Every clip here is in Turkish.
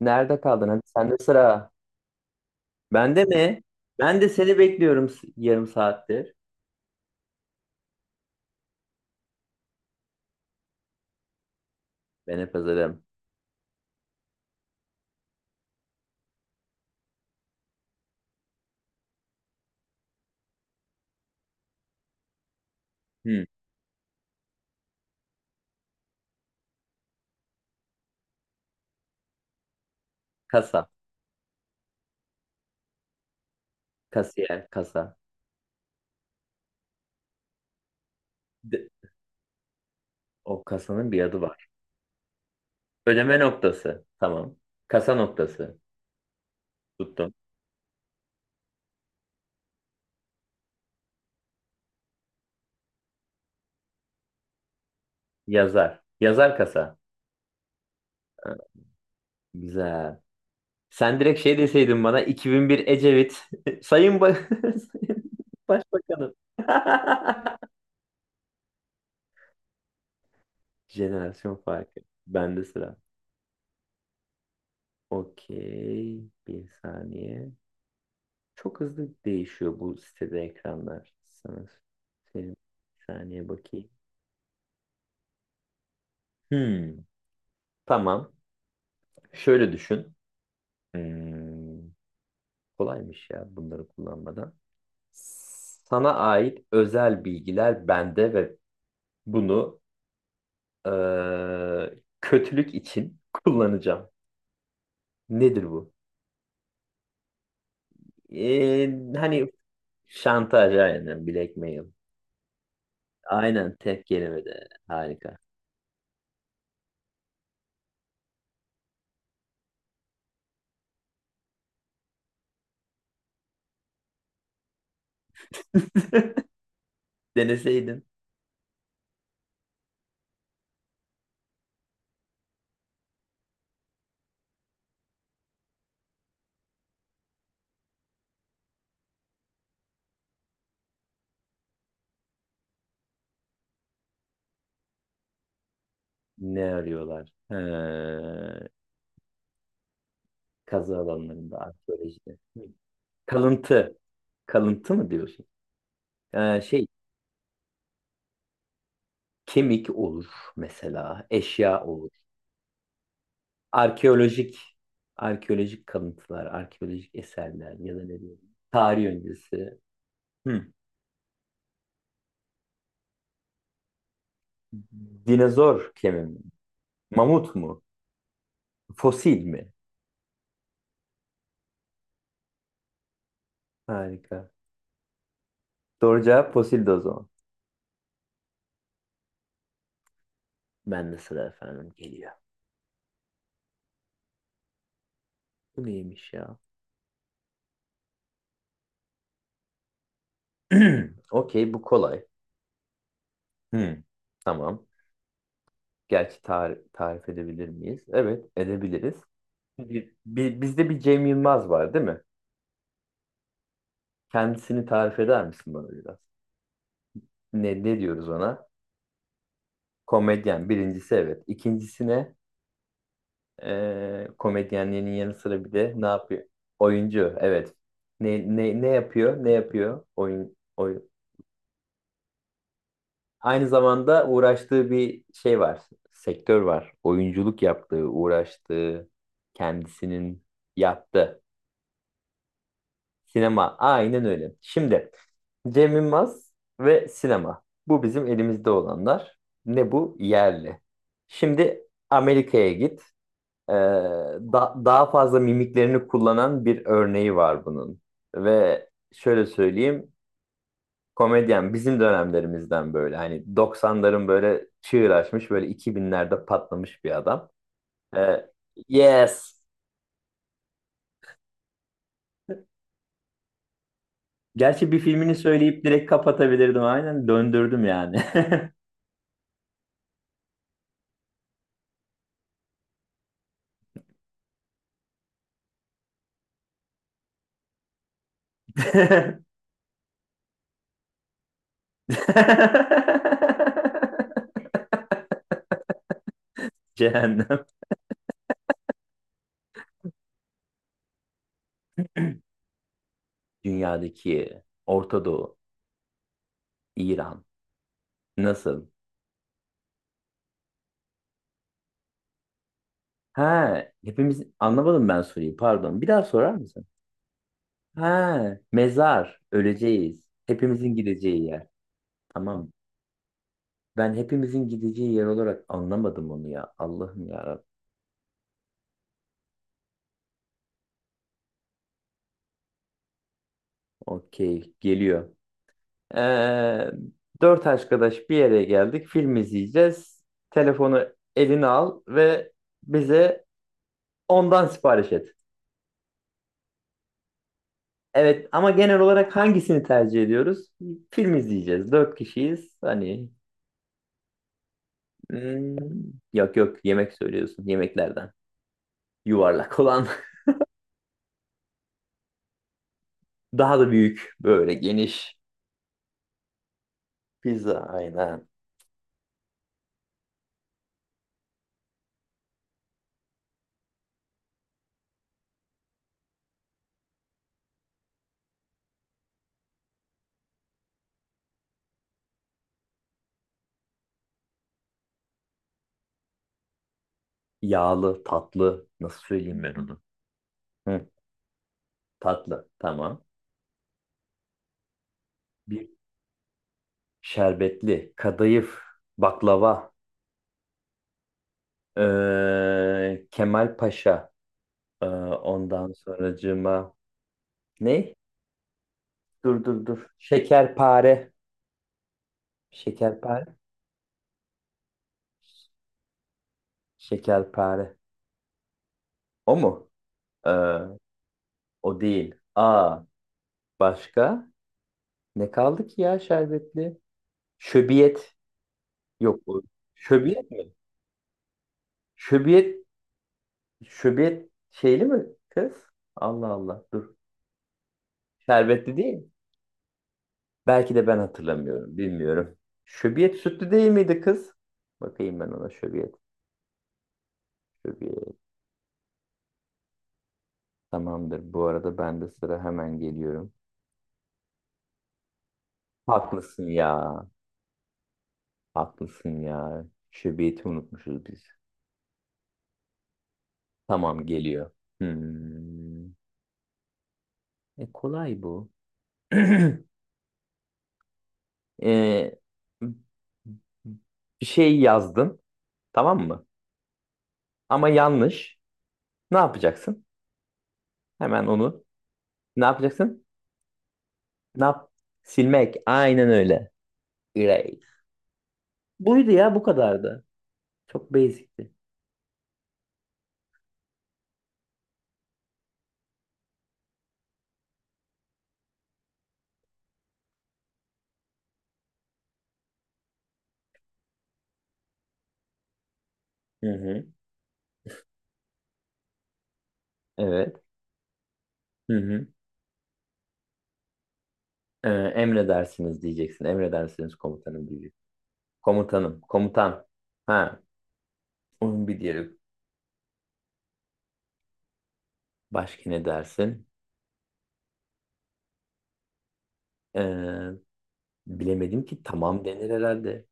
Nerede kaldın? Hadi sende sıra. Bende mi? Ben de seni bekliyorum yarım saattir. Ben hep hazırım. Hmm. Kasa. Kasiyer. Kasa. D- O kasanın bir adı var. Ödeme noktası. Tamam. Kasa noktası. Tuttum. Yazar. Yazar kasa. Ha, Güzel. Sen direkt şey deseydin bana 2001 Ecevit. Sayın, ba Sayın Başbakanım. Jenerasyon farkı. Bende sıra. Okey. Bir saniye. Çok hızlı değişiyor bu sitede ekranlar. Sana söyleyeyim. Bir saniye bakayım. Hmm, Tamam. Şöyle düşün. Hmm, kolaymış ya bunları kullanmadan. Sana ait özel bilgiler bende ve bunu kötülük için kullanacağım. Nedir bu? Ee, hani şantaj, aynen blackmail. Aynen tek kelimede. Harika. Deneseydin. Ne arıyorlar? He, kazı alanlarında, arkeolojide. Hı. Kalıntı. Kalıntı mı diyorsun? Ee, şey, kemik olur mesela, eşya olur. Arkeolojik, arkeolojik kalıntılar, arkeolojik eserler ya da ne diyorum? Tarih öncesi. Hı. Dinozor kemiği mi? Mamut mu? Fosil mi? Harika. Doğru cevap fosildi o zaman. Ben de sıra efendim geliyor. Bu neymiş ya? Okey, bu kolay. Hı. Tamam. Gerçi tarif edebilir miyiz? Evet, edebiliriz. Bizde bir Cem Yılmaz var, değil mi? Kendisini tarif eder misin bana biraz? Ne diyoruz ona? Komedyen birincisi, evet. İkincisine komedyenliğinin yanı sıra bir de ne yapıyor? Oyuncu, evet. Ne yapıyor? Ne yapıyor? Oyun. Aynı zamanda uğraştığı bir şey var. Sektör var. Oyunculuk yaptığı, uğraştığı, kendisinin yaptığı. Sinema. Aynen öyle. Şimdi Cem Yılmaz ve sinema. Bu bizim elimizde olanlar. Ne bu? Yerli. Şimdi Amerika'ya git. Ee, daha fazla mimiklerini kullanan bir örneği var bunun. Ve şöyle söyleyeyim. Komedyen bizim dönemlerimizden böyle. Hani doksanların böyle çığır açmış. Böyle iki binlerde patlamış bir adam. Ee, yes. Gerçi bir filmini söyleyip direkt kapatabilirdim. Aynen döndürdüm yani. Cehennem. Dünyadaki Orta Doğu, İran. Nasıl? Ha, hepimiz, anlamadım ben soruyu. Pardon. Bir daha sorar mısın? Ha, mezar. Öleceğiz. Hepimizin gideceği yer. Tamam. Ben hepimizin gideceği yer olarak anlamadım onu ya. Allah'ım ya Rabbim. Okey. Geliyor. Ee, dört arkadaş bir yere geldik. Film izleyeceğiz. Telefonu eline al ve bize ondan sipariş et. Evet ama genel olarak hangisini tercih ediyoruz? Film izleyeceğiz. Dört kişiyiz. Hani hmm, yok yemek söylüyorsun. Yemeklerden. Yuvarlak olan. Daha da büyük. Böyle geniş. Pizza, aynen. Yağlı, tatlı. Nasıl söyleyeyim ben onu? Hı, tatlı. Tamam. Bir şerbetli. Kadayıf. Baklava. Kemal Paşa. Ondan sonracığıma. Ne? Dur. Şekerpare. Şekerpare. Şekerpare. O mu? Ee, o değil. Aa, başka? Ne kaldı ki ya şerbetli? Şöbiyet. Yok. Şöbiyet mi? Şöbiyet. Şöbiyet şeyli mi kız? Allah Allah. Dur. Şerbetli değil. Belki de ben hatırlamıyorum. Bilmiyorum. Şöbiyet sütlü değil miydi kız? Bakayım ben ona, şöbiyet. Şöbiyet. Tamamdır. Bu arada ben de sıra hemen geliyorum. Haklısın ya. Haklısın ya. Şöbiyeti unutmuşuz biz. Tamam geliyor. Hmm. Kolay bu. E, bir şey yazdın, tamam mı? Ama yanlış. Ne yapacaksın? Hemen onu. Ne yapacaksın? Ne yap? Silmek. Aynen öyle. Erase. Buydu ya, bu kadardı. Çok basicti. Hı hı. Evet. Hı hı. Emredersiniz diyeceksin. Emredersiniz komutanım diyeceksin. Komutanım. Komutan. Ha. Onun bir diğeri. Başka ne dersin? Ee, Bilemedim ki, tamam denir herhalde.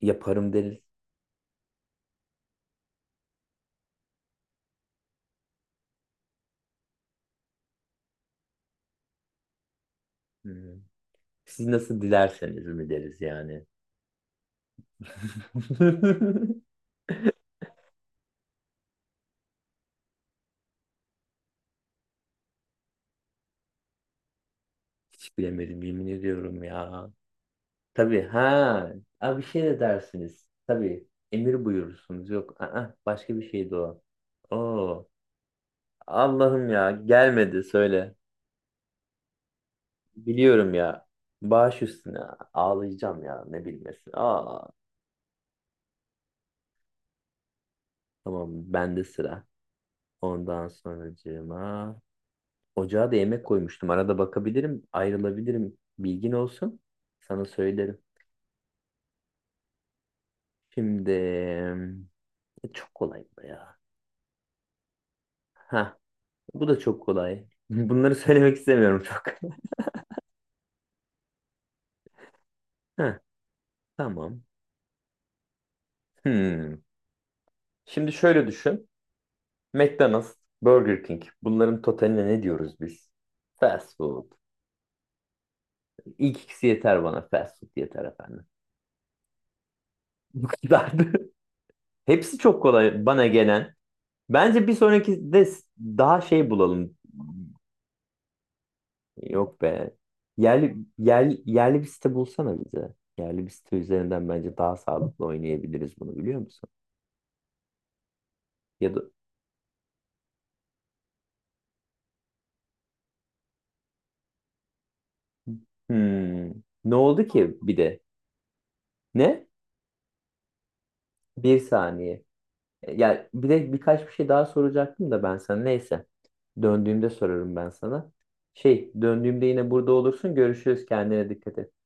Yaparım deriz. Hmm. Siz nasıl dilerseniz mi deriz yani. Hiç bilemedim, yemin ediyorum ya. Tabii ha. Abi bir şey de dersiniz. Tabii emir buyurursunuz. Yok aa, başka bir şeydi o. Oo. Allah'ım ya, gelmedi, söyle. Biliyorum ya. Baş üstüne, ağlayacağım ya ne bilmesi. Aa. Tamam bende sıra. Ondan sonracığıma ocağa da yemek koymuştum. Arada bakabilirim, ayrılabilirim. Bilgin olsun. Sana söylerim. Şimdi çok kolay bu ya. Ha, bu da çok kolay. Bunları söylemek istemiyorum çok. Ha, tamam. Hmm. Şimdi şöyle düşün. McDonald's, Burger King. Bunların totaline ne diyoruz biz? Fast food. İlk ikisi yeter bana. Fast food yeter efendim. Bu kadardı. Hepsi çok kolay bana gelen. Bence bir sonraki de daha şey bulalım. Yok be. Yerli bir site bulsana bize. Yerli bir site üzerinden bence daha sağlıklı oynayabiliriz bunu, biliyor musun? Ya da hmm. Ne oldu ki bir de? Ne? Bir saniye. Ya bir de birkaç bir şey daha soracaktım da ben sana. Neyse. Döndüğümde sorarım ben sana. Şey, döndüğümde yine burada olursun. Görüşürüz. Kendine dikkat et.